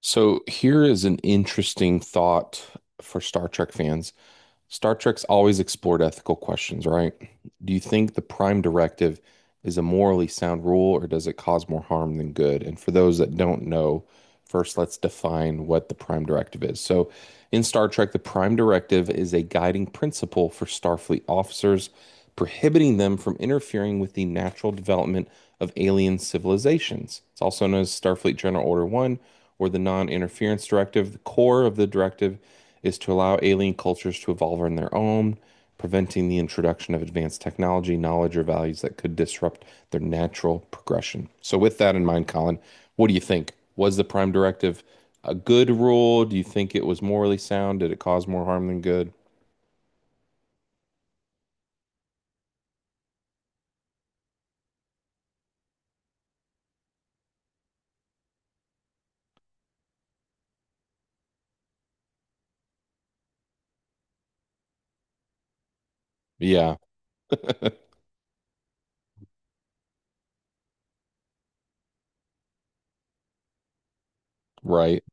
So here is an interesting thought for Star Trek fans. Star Trek's always explored ethical questions, right? Do you think the Prime Directive is a morally sound rule, or does it cause more harm than good? And for those that don't know, first let's define what the Prime Directive is. In Star Trek, the Prime Directive is a guiding principle for Starfleet officers, prohibiting them from interfering with the natural development of alien civilizations. It's also known as Starfleet General Order 1 or the Non-Interference Directive. The core of the directive is to allow alien cultures to evolve on their own, preventing the introduction of advanced technology, knowledge, or values that could disrupt their natural progression. So, with that in mind, Colin, what do you think? Was the Prime Directive a good rule? Do you think it was morally sound? Did it cause more harm than good? Yeah. Right,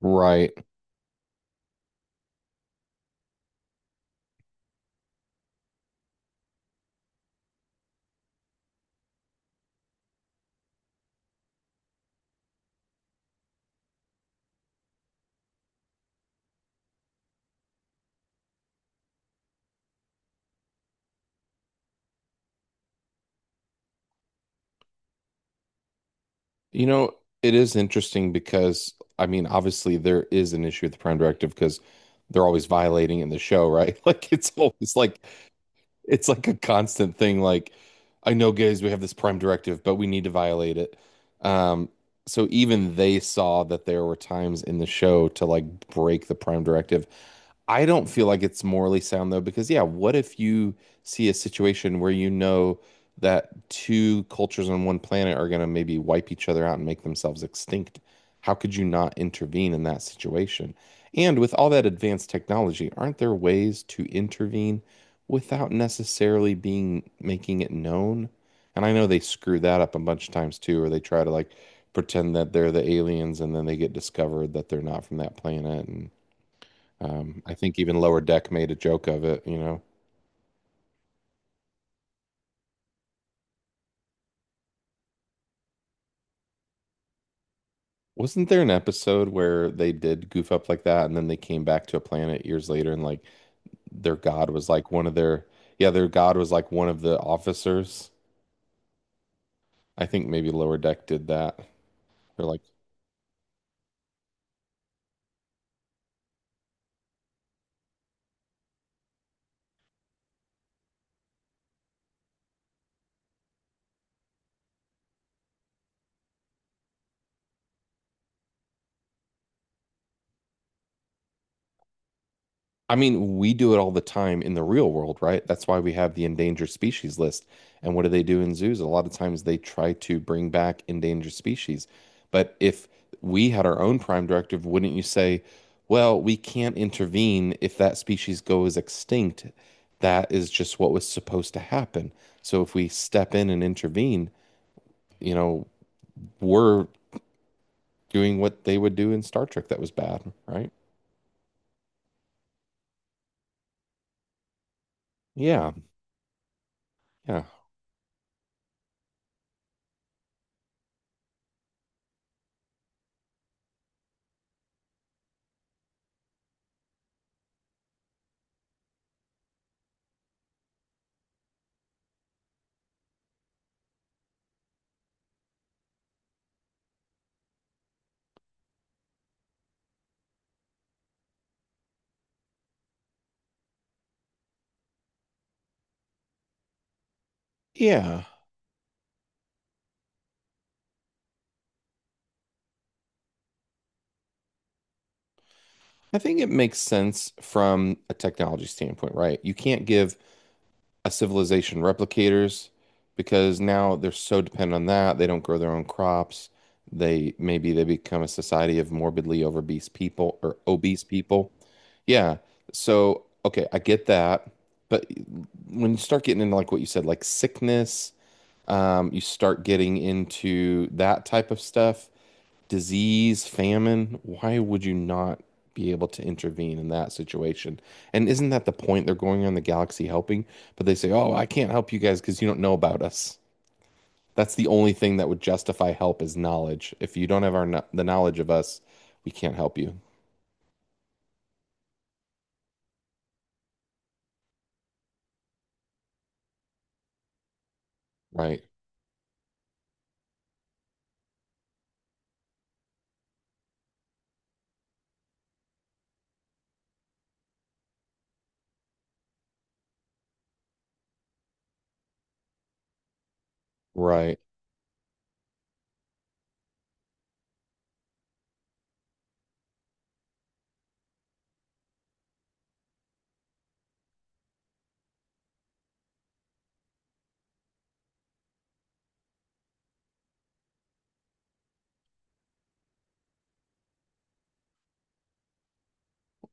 right. You know, it is interesting because, I mean, obviously there is an issue with the Prime Directive because they're always violating in the show, right? Like, it's always like it's like a constant thing. Like, I know, guys, we have this prime directive, but we need to violate it. Um, so even they saw that there were times in the show to like break the prime directive. I don't feel like it's morally sound though, because yeah, what if you see a situation where you know that two cultures on one planet are going to maybe wipe each other out and make themselves extinct? How could you not intervene in that situation? And with all that advanced technology, aren't there ways to intervene without necessarily being making it known? And I know they screw that up a bunch of times too, or they try to like pretend that they're the aliens and then they get discovered that they're not from that planet and I think even Lower Deck made a joke of it. Wasn't there an episode where they did goof up like that and then they came back to a planet years later and like their god was like one of their, yeah, their god was like one of the officers. I think maybe Lower Deck did that. They're like, I mean, we do it all the time in the real world, right? That's why we have the endangered species list. And what do they do in zoos? A lot of times they try to bring back endangered species. But if we had our own prime directive, wouldn't you say, well, we can't intervene if that species goes extinct? That is just what was supposed to happen. So if we step in and intervene, you know, we're doing what they would do in Star Trek that was bad, right? Yeah. Yeah. Yeah. I think it makes sense from a technology standpoint, right? You can't give a civilization replicators because now they're so dependent on that. They don't grow their own crops. They maybe they become a society of morbidly obese people or obese people. Yeah. So, okay, I get that. But when you start getting into like what you said, like sickness, you start getting into that type of stuff, disease, famine, why would you not be able to intervene in that situation? And isn't that the point? They're going around the galaxy helping, but they say, "Oh, I can't help you guys because you don't know about us." That's the only thing that would justify help is knowledge. If you don't have our the knowledge of us, we can't help you. Right. Right.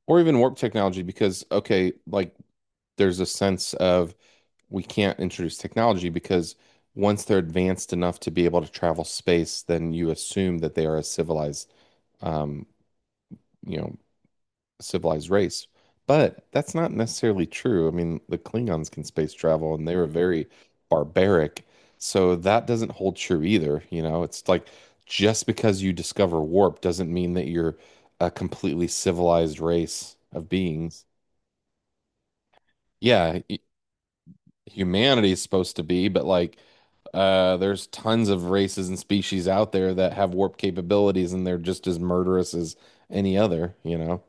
Or even warp technology because okay, like there's a sense of we can't introduce technology because once they're advanced enough to be able to travel space, then you assume that they are a civilized, um, you know, civilized race. But that's not necessarily true. I mean, the Klingons can space travel and they were very barbaric. So that doesn't hold true either. You know, it's like just because you discover warp doesn't mean that you're a completely civilized race of beings. Yeah, hu- humanity is supposed to be, but like there's tons of races and species out there that have warp capabilities and they're just as murderous as any other, you know?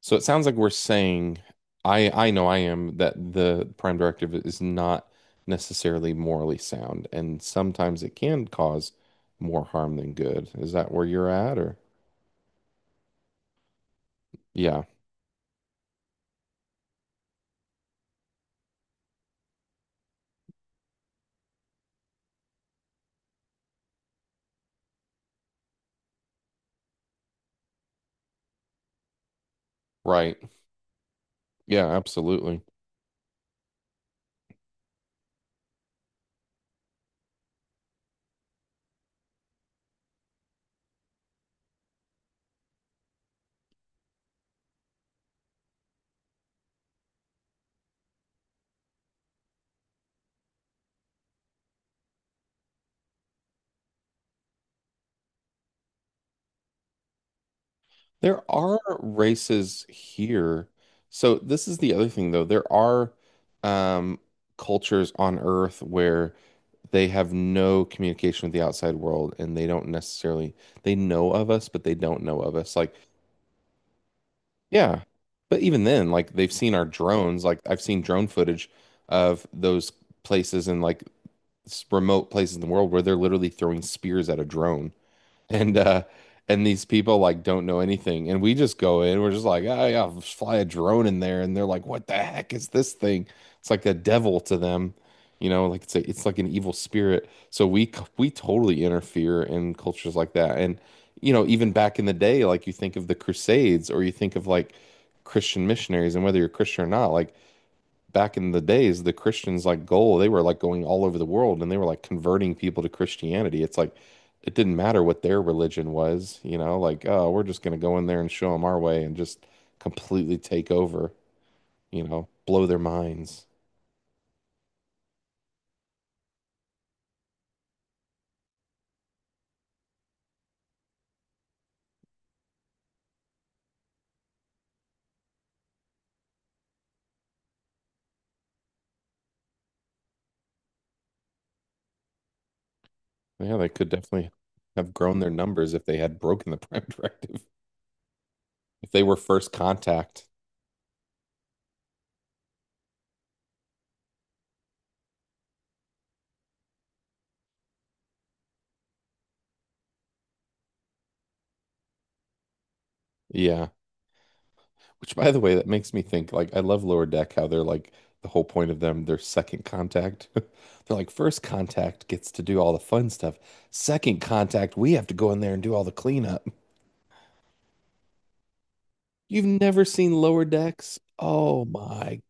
So it sounds like we're saying, I know I am that the prime directive is not necessarily morally sound, and sometimes it can cause more harm than good. Is that where you're at, or? Yeah, right. Yeah, absolutely. There are races here. So this is the other thing, though. There are, um, cultures on Earth where they have no communication with the outside world, and they don't necessarily, they know of us, but they don't know of us. Like, yeah. But even then, like they've seen our drones. Like I've seen drone footage of those places in like remote places in the world where they're literally throwing spears at a drone and and these people like don't know anything and we just go in, we're just like, oh yeah, I'll just fly a drone in there and they're like, what the heck is this thing? It's like the devil to them, you know, like it's like an evil spirit, so we totally interfere in cultures like that. And you know, even back in the day, like you think of the crusades or you think of like Christian missionaries, and whether you're Christian or not, like back in the days, the Christians like goal, they were like going all over the world and they were like converting people to Christianity. It's like it didn't matter what their religion was, you know, like, oh, we're just going to go in there and show them our way and just completely take over, you know, blow their minds. Yeah, they could definitely have grown their numbers if they had broken the prime directive, if they were first contact. Yeah. Which, by the way, that makes me think like I love Lower Deck, how they're like the whole point of them, their second contact. They're like, first contact gets to do all the fun stuff. Second contact, we have to go in there and do all the cleanup. You've never seen Lower Decks? Oh my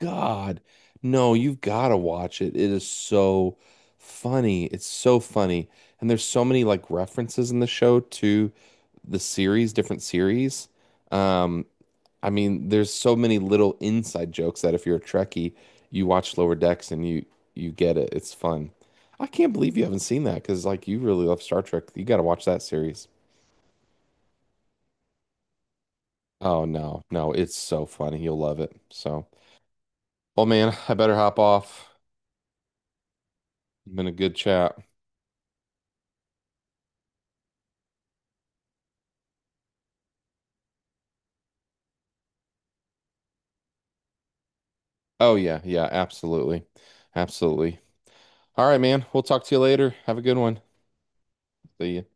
God. No, you've got to watch it. It is so funny. It's so funny. And there's so many like references in the show to the series, different series. Um, I mean, there's so many little inside jokes that if you're a Trekkie, you watch Lower Decks and you get it. It's fun. I can't believe you haven't seen that because like you really love Star Trek. You got to watch that series. Oh no, no, it's so funny. You'll love it. So, well, man, I better hop off. Been a good chat. Oh yeah, yeah, absolutely, absolutely. All right, man. We'll talk to you later. Have a good one. See ya.